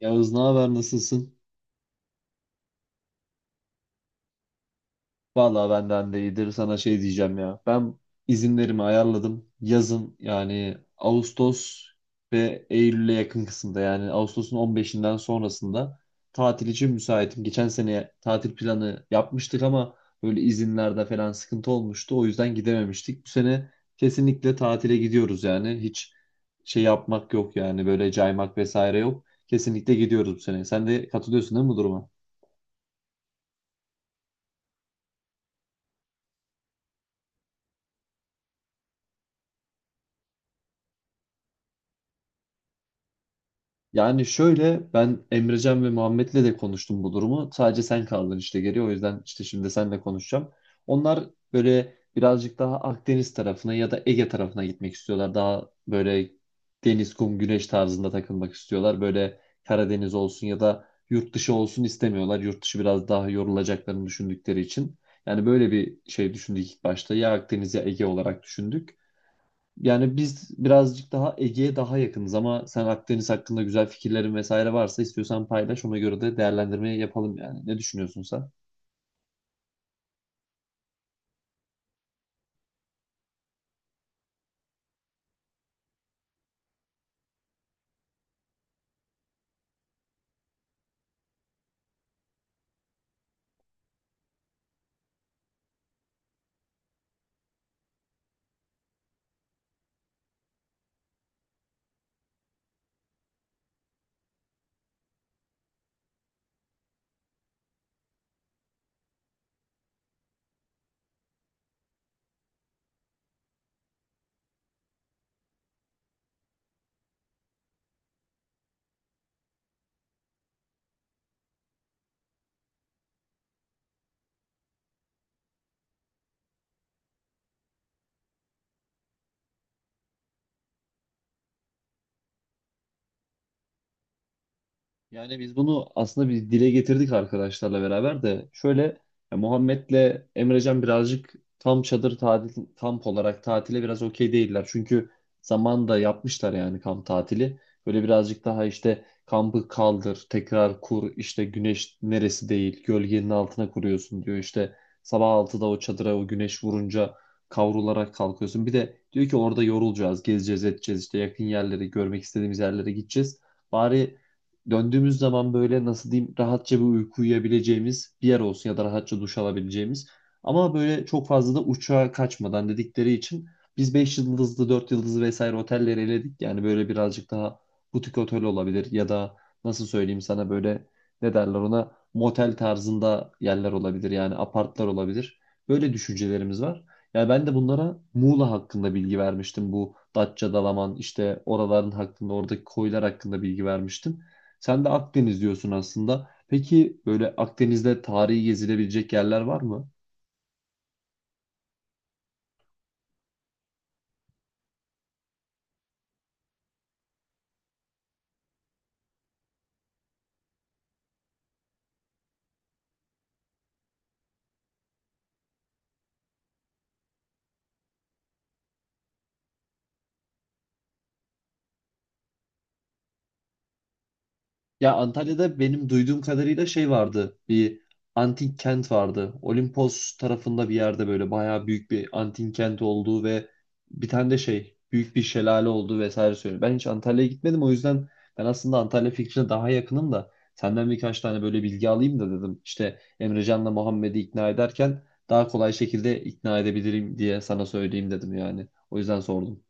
Yağız, ne haber, nasılsın? Vallahi benden de iyidir. Sana diyeceğim ya. Ben izinlerimi ayarladım. Yazın yani Ağustos ve Eylül'e yakın kısımda yani Ağustos'un 15'inden sonrasında tatil için müsaitim. Geçen sene tatil planı yapmıştık ama böyle izinlerde falan sıkıntı olmuştu. O yüzden gidememiştik. Bu sene kesinlikle tatile gidiyoruz yani. Hiç yapmak yok yani böyle caymak vesaire yok. Kesinlikle gidiyoruz bu sene. Sen de katılıyorsun değil mi bu duruma? Yani şöyle, ben Emrecan ve Muhammed'le de konuştum bu durumu. Sadece sen kaldın işte geri. O yüzden işte şimdi seninle konuşacağım. Onlar böyle birazcık daha Akdeniz tarafına ya da Ege tarafına gitmek istiyorlar. Daha böyle deniz, kum, güneş tarzında takılmak istiyorlar. Böyle Karadeniz olsun ya da yurt dışı olsun istemiyorlar. Yurt dışı biraz daha yorulacaklarını düşündükleri için. Yani böyle bir şey düşündük ilk başta. Ya Akdeniz ya Ege olarak düşündük. Yani biz birazcık daha Ege'ye daha yakınız ama sen Akdeniz hakkında güzel fikirlerin vesaire varsa istiyorsan paylaş. Ona göre de değerlendirmeyi yapalım yani. Ne düşünüyorsun sen? Yani biz bunu aslında bir dile getirdik arkadaşlarla beraber de şöyle, ya Muhammed'le Emrecan birazcık tam çadır tatil kamp olarak tatile biraz okey değiller. Çünkü zamanında yapmışlar yani kamp tatili. Böyle birazcık daha işte kampı kaldır, tekrar kur, işte güneş neresi değil, gölgenin altına kuruyorsun diyor. İşte sabah 6'da o çadıra o güneş vurunca kavrularak kalkıyorsun. Bir de diyor ki orada yorulacağız, gezeceğiz, edeceğiz işte yakın yerleri, görmek istediğimiz yerlere gideceğiz. Bari döndüğümüz zaman böyle, nasıl diyeyim, rahatça bir uyku uyuyabileceğimiz bir yer olsun ya da rahatça duş alabileceğimiz. Ama böyle çok fazla da uçağa kaçmadan dedikleri için biz 5 yıldızlı, 4 yıldızlı vesaire otelleri eledik. Yani böyle birazcık daha butik otel olabilir ya da nasıl söyleyeyim sana, böyle ne derler ona, motel tarzında yerler olabilir yani apartlar olabilir. Böyle düşüncelerimiz var. Yani ben de bunlara Muğla hakkında bilgi vermiştim. Bu Datça, Dalaman, işte oraların hakkında, oradaki koylar hakkında bilgi vermiştim. Sen de Akdeniz diyorsun aslında. Peki böyle Akdeniz'de tarihi gezilebilecek yerler var mı? Ya Antalya'da benim duyduğum kadarıyla vardı. Bir antik kent vardı. Olimpos tarafında bir yerde böyle bayağı büyük bir antik kent olduğu ve bir tane de büyük bir şelale olduğu vesaire söylüyor. Ben hiç Antalya'ya gitmedim, o yüzden ben aslında Antalya fikrine daha yakınım da senden birkaç tane böyle bilgi alayım da dedim. İşte Emrecan'la Muhammed'i ikna ederken daha kolay şekilde ikna edebilirim diye sana söyleyeyim dedim yani. O yüzden sordum.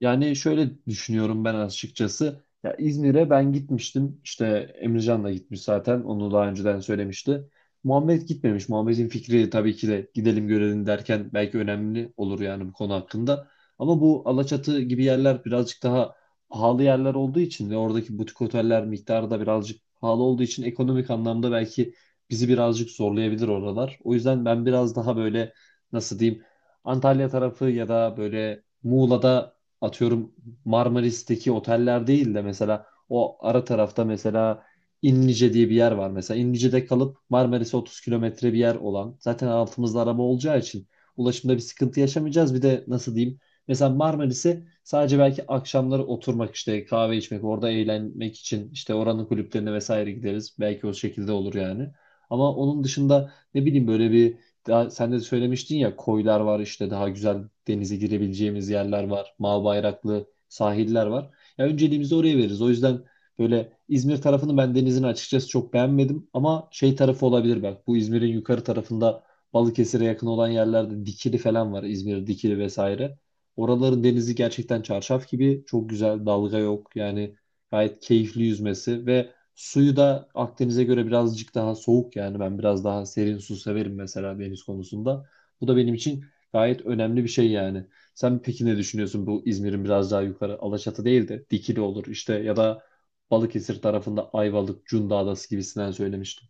Yani şöyle düşünüyorum ben açıkçası. Ya İzmir'e ben gitmiştim. İşte Emircan da gitmiş zaten. Onu daha önceden söylemişti. Muhammed gitmemiş. Muhammed'in fikri tabii ki de gidelim görelim derken belki önemli olur yani bu konu hakkında. Ama bu Alaçatı gibi yerler birazcık daha pahalı yerler olduğu için ve oradaki butik oteller miktarı da birazcık pahalı olduğu için ekonomik anlamda belki bizi birazcık zorlayabilir oralar. O yüzden ben biraz daha böyle, nasıl diyeyim, Antalya tarafı ya da böyle Muğla'da, atıyorum, Marmaris'teki oteller değil de mesela o ara tarafta mesela İnlice diye bir yer var mesela. İnlice'de kalıp Marmaris'e 30 kilometre bir yer olan. Zaten altımızda araba olacağı için ulaşımda bir sıkıntı yaşamayacağız. Bir de nasıl diyeyim? Mesela Marmaris'e sadece belki akşamları oturmak, işte kahve içmek, orada eğlenmek için işte oranın kulüplerine vesaire gideriz. Belki o şekilde olur yani. Ama onun dışında ne bileyim, böyle bir daha sen de söylemiştin ya, koylar var, işte daha güzel denize girebileceğimiz yerler var. Mavi bayraklı sahiller var. Ya önceliğimizi oraya veririz. O yüzden böyle İzmir tarafını, ben denizin açıkçası çok beğenmedim ama şey tarafı olabilir bak. Bu İzmir'in yukarı tarafında Balıkesir'e yakın olan yerlerde Dikili falan var. İzmir Dikili vesaire. Oraların denizi gerçekten çarşaf gibi çok güzel. Dalga yok. Yani gayet keyifli yüzmesi ve suyu da Akdeniz'e göre birazcık daha soğuk, yani ben biraz daha serin su severim mesela deniz konusunda. Bu da benim için gayet önemli bir şey yani. Sen peki ne düşünüyorsun bu İzmir'in biraz daha yukarı, Alaçatı değil de Dikili olur işte ya da Balıkesir tarafında Ayvalık, Cunda Adası gibisinden söylemiştin.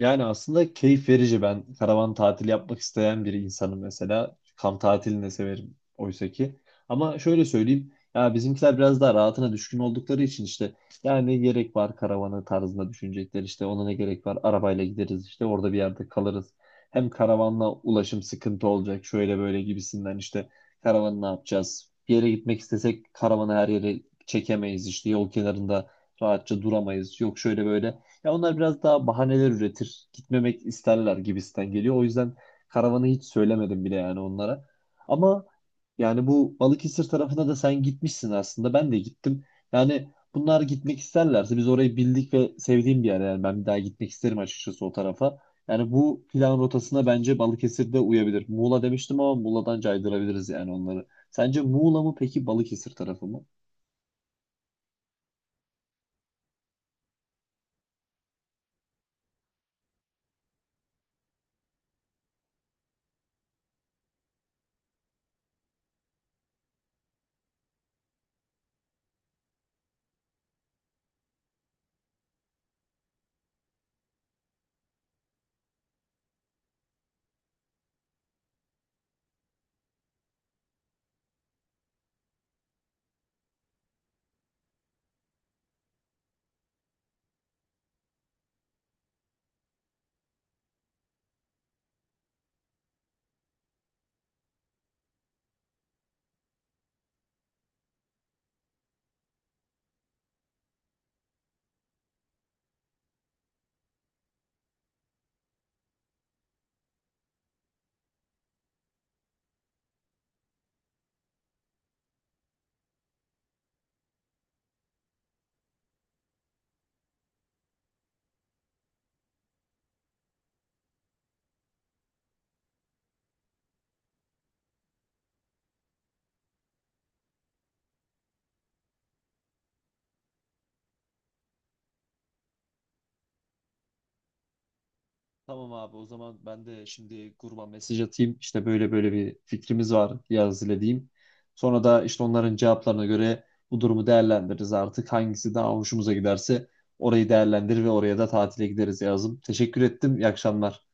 Yani aslında keyif verici. Ben karavan tatili yapmak isteyen bir insanım mesela. Kamp tatilini de severim oysa ki. Ama şöyle söyleyeyim. Ya bizimkiler biraz daha rahatına düşkün oldukları için işte, ya ne gerek var karavanı tarzında düşünecekler, işte ona ne gerek var, arabayla gideriz işte orada bir yerde kalırız. Hem karavanla ulaşım sıkıntı olacak şöyle böyle gibisinden, işte karavanı ne yapacağız? Bir yere gitmek istesek karavanı her yere çekemeyiz, işte yol kenarında rahatça duramayız. Yok şöyle böyle, ya onlar biraz daha bahaneler üretir. Gitmemek isterler gibisinden geliyor. O yüzden karavanı hiç söylemedim bile yani onlara. Ama yani bu Balıkesir tarafına da sen gitmişsin aslında. Ben de gittim. Yani bunlar gitmek isterlerse biz orayı bildik ve sevdiğim bir yer. Yani ben bir daha gitmek isterim açıkçası o tarafa. Yani bu plan rotasına bence Balıkesir de uyabilir. Muğla demiştim ama Muğla'dan caydırabiliriz yani onları. Sence Muğla mı peki Balıkesir tarafı mı? Tamam abi, o zaman ben de şimdi gruba mesaj atayım. İşte böyle böyle bir fikrimiz var yaz ile diyeyim. Sonra da işte onların cevaplarına göre bu durumu değerlendiririz artık. Hangisi daha hoşumuza giderse orayı değerlendirir ve oraya da tatile gideriz yazım. Teşekkür ettim. İyi akşamlar.